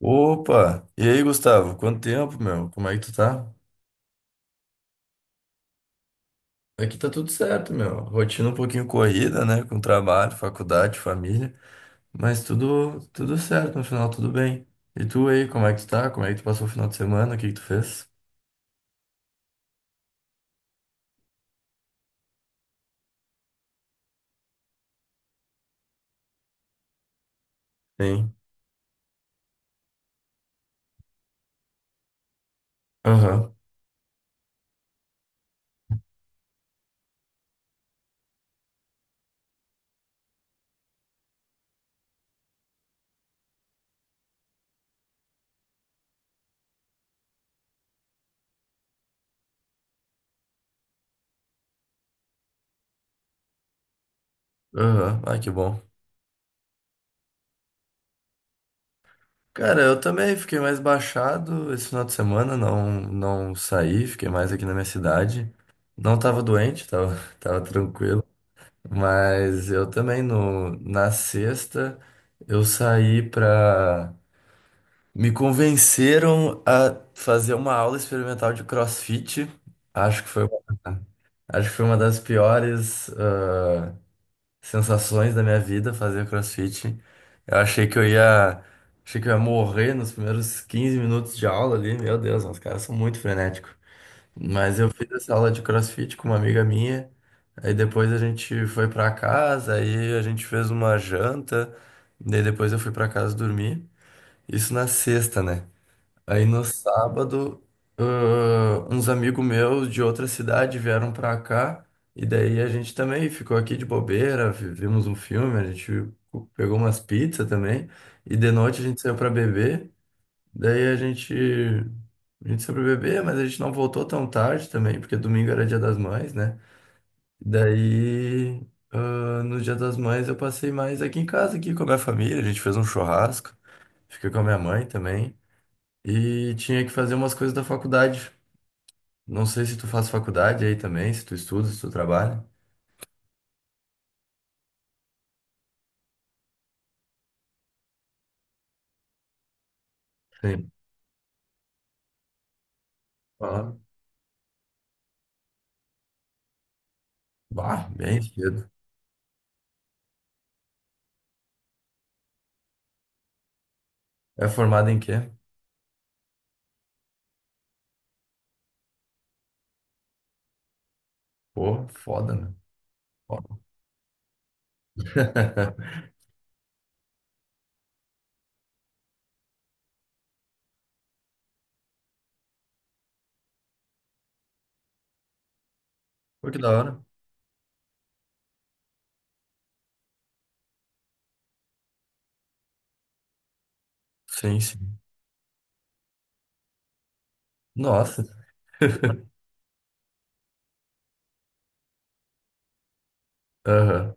Opa! E aí, Gustavo? Quanto tempo, meu? Como é que tu tá? Aqui tá tudo certo, meu. Rotina um pouquinho corrida, né? Com trabalho, faculdade, família. Mas tudo certo, no final tudo bem. E tu aí, como é que tu tá? Como é que tu passou o final de semana? O que que tu fez? Sim. Aham. Aham. Ai, que bom. Cara, eu também fiquei mais baixado esse final de semana. Não saí, fiquei mais aqui na minha cidade. Não tava doente, tava, tava tranquilo. Mas eu também no, na sexta eu saí pra. Me convenceram a fazer uma aula experimental de CrossFit. Acho que foi uma, acho que foi uma das piores sensações da minha vida fazer CrossFit. Eu achei que eu ia, achei que eu ia morrer nos primeiros 15 minutos de aula ali. Meu Deus, os caras são muito frenéticos. Mas eu fiz essa aula de CrossFit com uma amiga minha. Aí depois a gente foi pra casa, aí a gente fez uma janta, daí depois eu fui pra casa dormir. Isso na sexta, né? Aí no sábado, uns amigos meus de outra cidade vieram pra cá, e daí a gente também ficou aqui de bobeira, vimos um filme, a gente pegou umas pizzas também, e de noite a gente saiu pra beber. Daí a gente, a gente foi pro bebê, mas a gente não voltou tão tarde também, porque domingo era dia das mães, né? Daí, no dia das mães eu passei mais aqui em casa, aqui com a minha família, a gente fez um churrasco, fiquei com a minha mãe também, e tinha que fazer umas coisas da faculdade. Não sei se tu faz faculdade aí também, se tu estuda, se tu trabalha. Sim. Ah, bah, bem cedo. É formado em quê? Pô, foda, né? Foda. Pô, que da hora. Sim, sim. Nossa. Aham.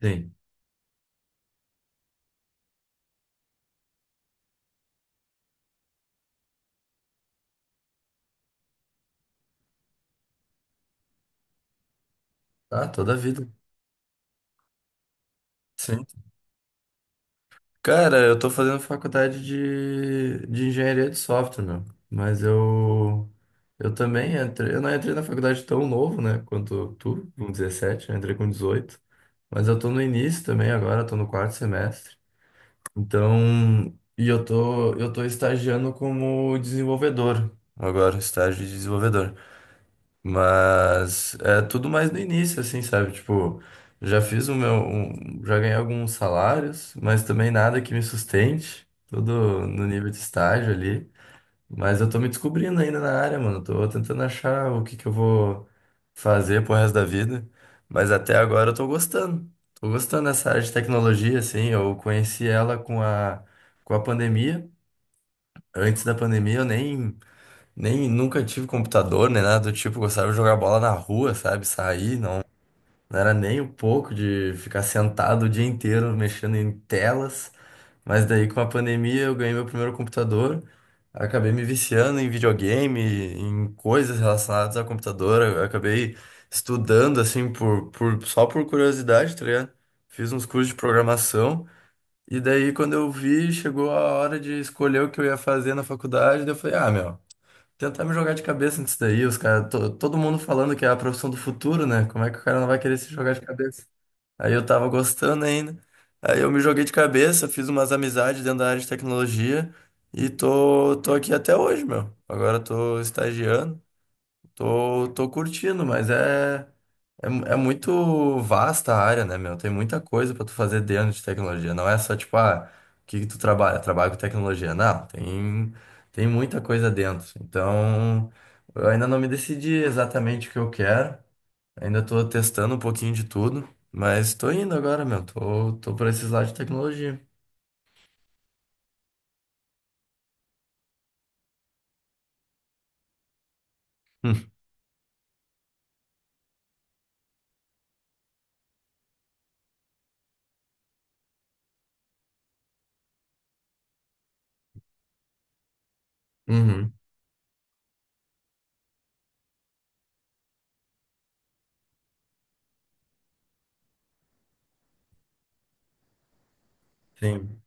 Sim. Ah, toda a vida. Sim. Cara, eu tô fazendo faculdade de engenharia de software, meu. Eu também entrei. Eu não entrei na faculdade tão novo, né? Quanto tu, com 17 eu entrei com 18. Mas eu tô no início também agora, tô no quarto semestre. Então, e eu tô estagiando como desenvolvedor agora, estágio de desenvolvedor. Mas é tudo mais no início, assim, sabe? Tipo, já fiz o meu. Já ganhei alguns salários, mas também nada que me sustente. Tudo no nível de estágio ali. Mas eu tô me descobrindo ainda na área, mano. Tô tentando achar o que que eu vou fazer pro resto da vida. Mas até agora eu tô gostando. Tô gostando dessa área de tecnologia, assim. Eu conheci ela com a pandemia. Antes da pandemia eu nem. Nem nunca tive computador, nem nada do tipo, gostava de jogar bola na rua, sabe? Sair, não era nem um pouco de ficar sentado o dia inteiro mexendo em telas. Mas daí com a pandemia eu ganhei meu primeiro computador, acabei me viciando em videogame, em coisas relacionadas ao computador, eu acabei estudando assim por só por curiosidade, tá ligado? Fiz uns cursos de programação e daí quando eu vi, chegou a hora de escolher o que eu ia fazer na faculdade, daí eu falei, ah, meu, tentar me jogar de cabeça nisso daí, os caras, todo mundo falando que é a profissão do futuro, né? Como é que o cara não vai querer se jogar de cabeça? Aí eu tava gostando ainda. Aí eu me joguei de cabeça, fiz umas amizades dentro da área de tecnologia e tô aqui até hoje, meu. Agora eu tô estagiando. Tô curtindo, mas é, é muito vasta a área, né, meu? Tem muita coisa pra tu fazer dentro de tecnologia. Não é só tipo, ah, o que que tu trabalha? Trabalho com tecnologia. Não, tem muita coisa dentro. Então, eu ainda não me decidi exatamente o que eu quero. Ainda tô testando um pouquinho de tudo, mas tô indo agora, meu. Tô por esses lados de tecnologia. Hum. Uhum, sim.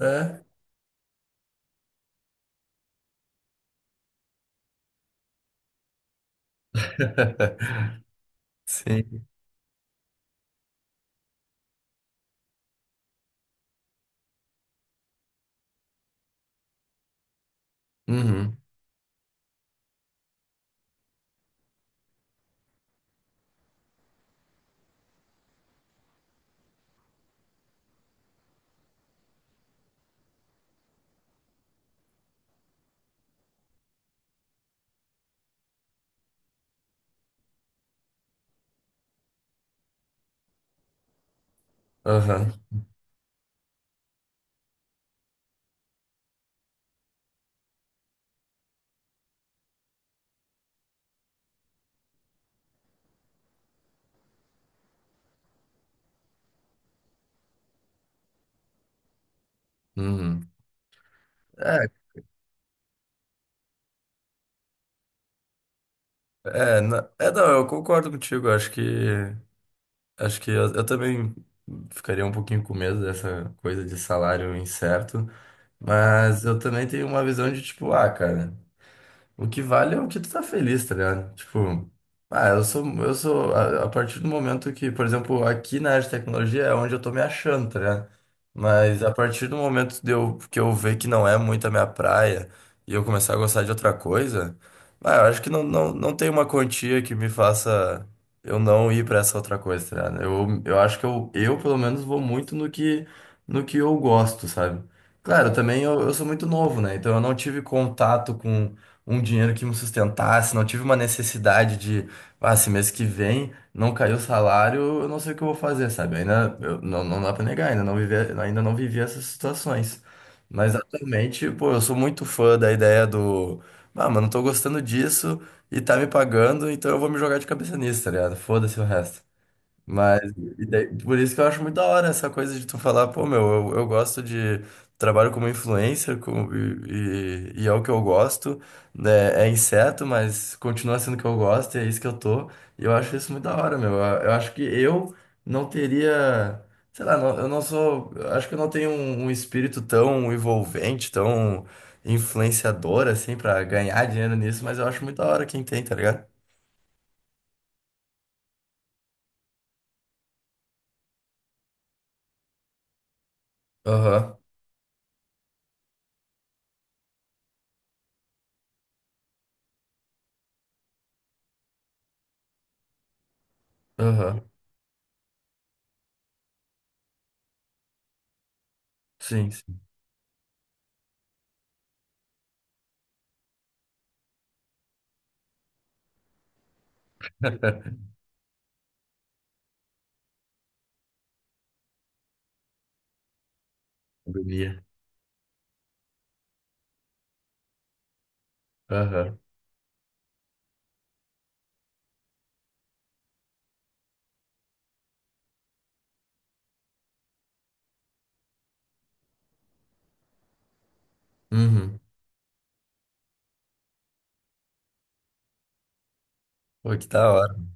É, sim. Uhum, aham. Uhum. É, É, é, não, eu concordo contigo. Acho que eu também ficaria um pouquinho com medo dessa coisa de salário incerto, mas eu também tenho uma visão de tipo, ah, cara. O que vale é o que tu tá feliz, tá ligado? Tipo, ah, a partir do momento que, por exemplo, aqui na área de tecnologia é onde eu tô me achando, tá ligado? Mas a partir do momento que eu ver que não é muito a minha praia e eu começar a gostar de outra coisa, ah, eu acho que não tem uma quantia que me faça eu não ir pra essa outra coisa, tá ligado? Eu acho que eu, pelo menos, vou muito no que, no que eu gosto, sabe? Claro, também eu sou muito novo, né? Então eu não tive contato com um dinheiro que me sustentasse, não tive uma necessidade de, ah, esse mês que vem não caiu o salário, eu não sei o que eu vou fazer, sabe? Ainda não, não dá pra negar, ainda não vivi essas situações. Mas atualmente, pô, eu sou muito fã da ideia do, ah, mano, tô gostando disso e tá me pagando, então eu vou me jogar de cabeça nisso, tá ligado? Foda-se o resto. Mas, por isso que eu acho muito da hora essa coisa de tu falar, pô, meu, eu gosto de. Trabalho como influencer com, e é o que eu gosto, né? É inseto, mas continua sendo o que eu gosto, e é isso que eu tô. E eu acho isso muito da hora, meu. Eu acho que eu não teria. Sei lá, eu não sou. Eu Acho que eu não tenho um espírito tão envolvente, tão influenciador, assim, pra ganhar dinheiro nisso, mas eu acho muito da hora quem tem, tá ligado? Aham, aham, sim, sim. Agonia. Aham. Uhum. Pô, que da hora.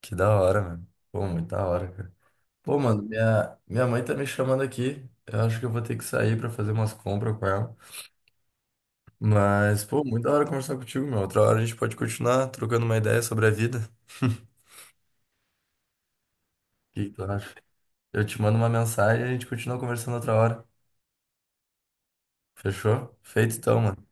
Que da hora, mano. Pô, muito da hora, cara. Pô, mano, minha mãe tá me chamando aqui. Eu acho que eu vou ter que sair pra fazer umas compras com ela. Mas, pô, muito da hora conversar contigo, meu. Outra hora a gente pode continuar trocando uma ideia sobre a vida. O que que tu acha? Eu te mando uma mensagem e a gente continua conversando outra hora. Fechou? Feito então, mano.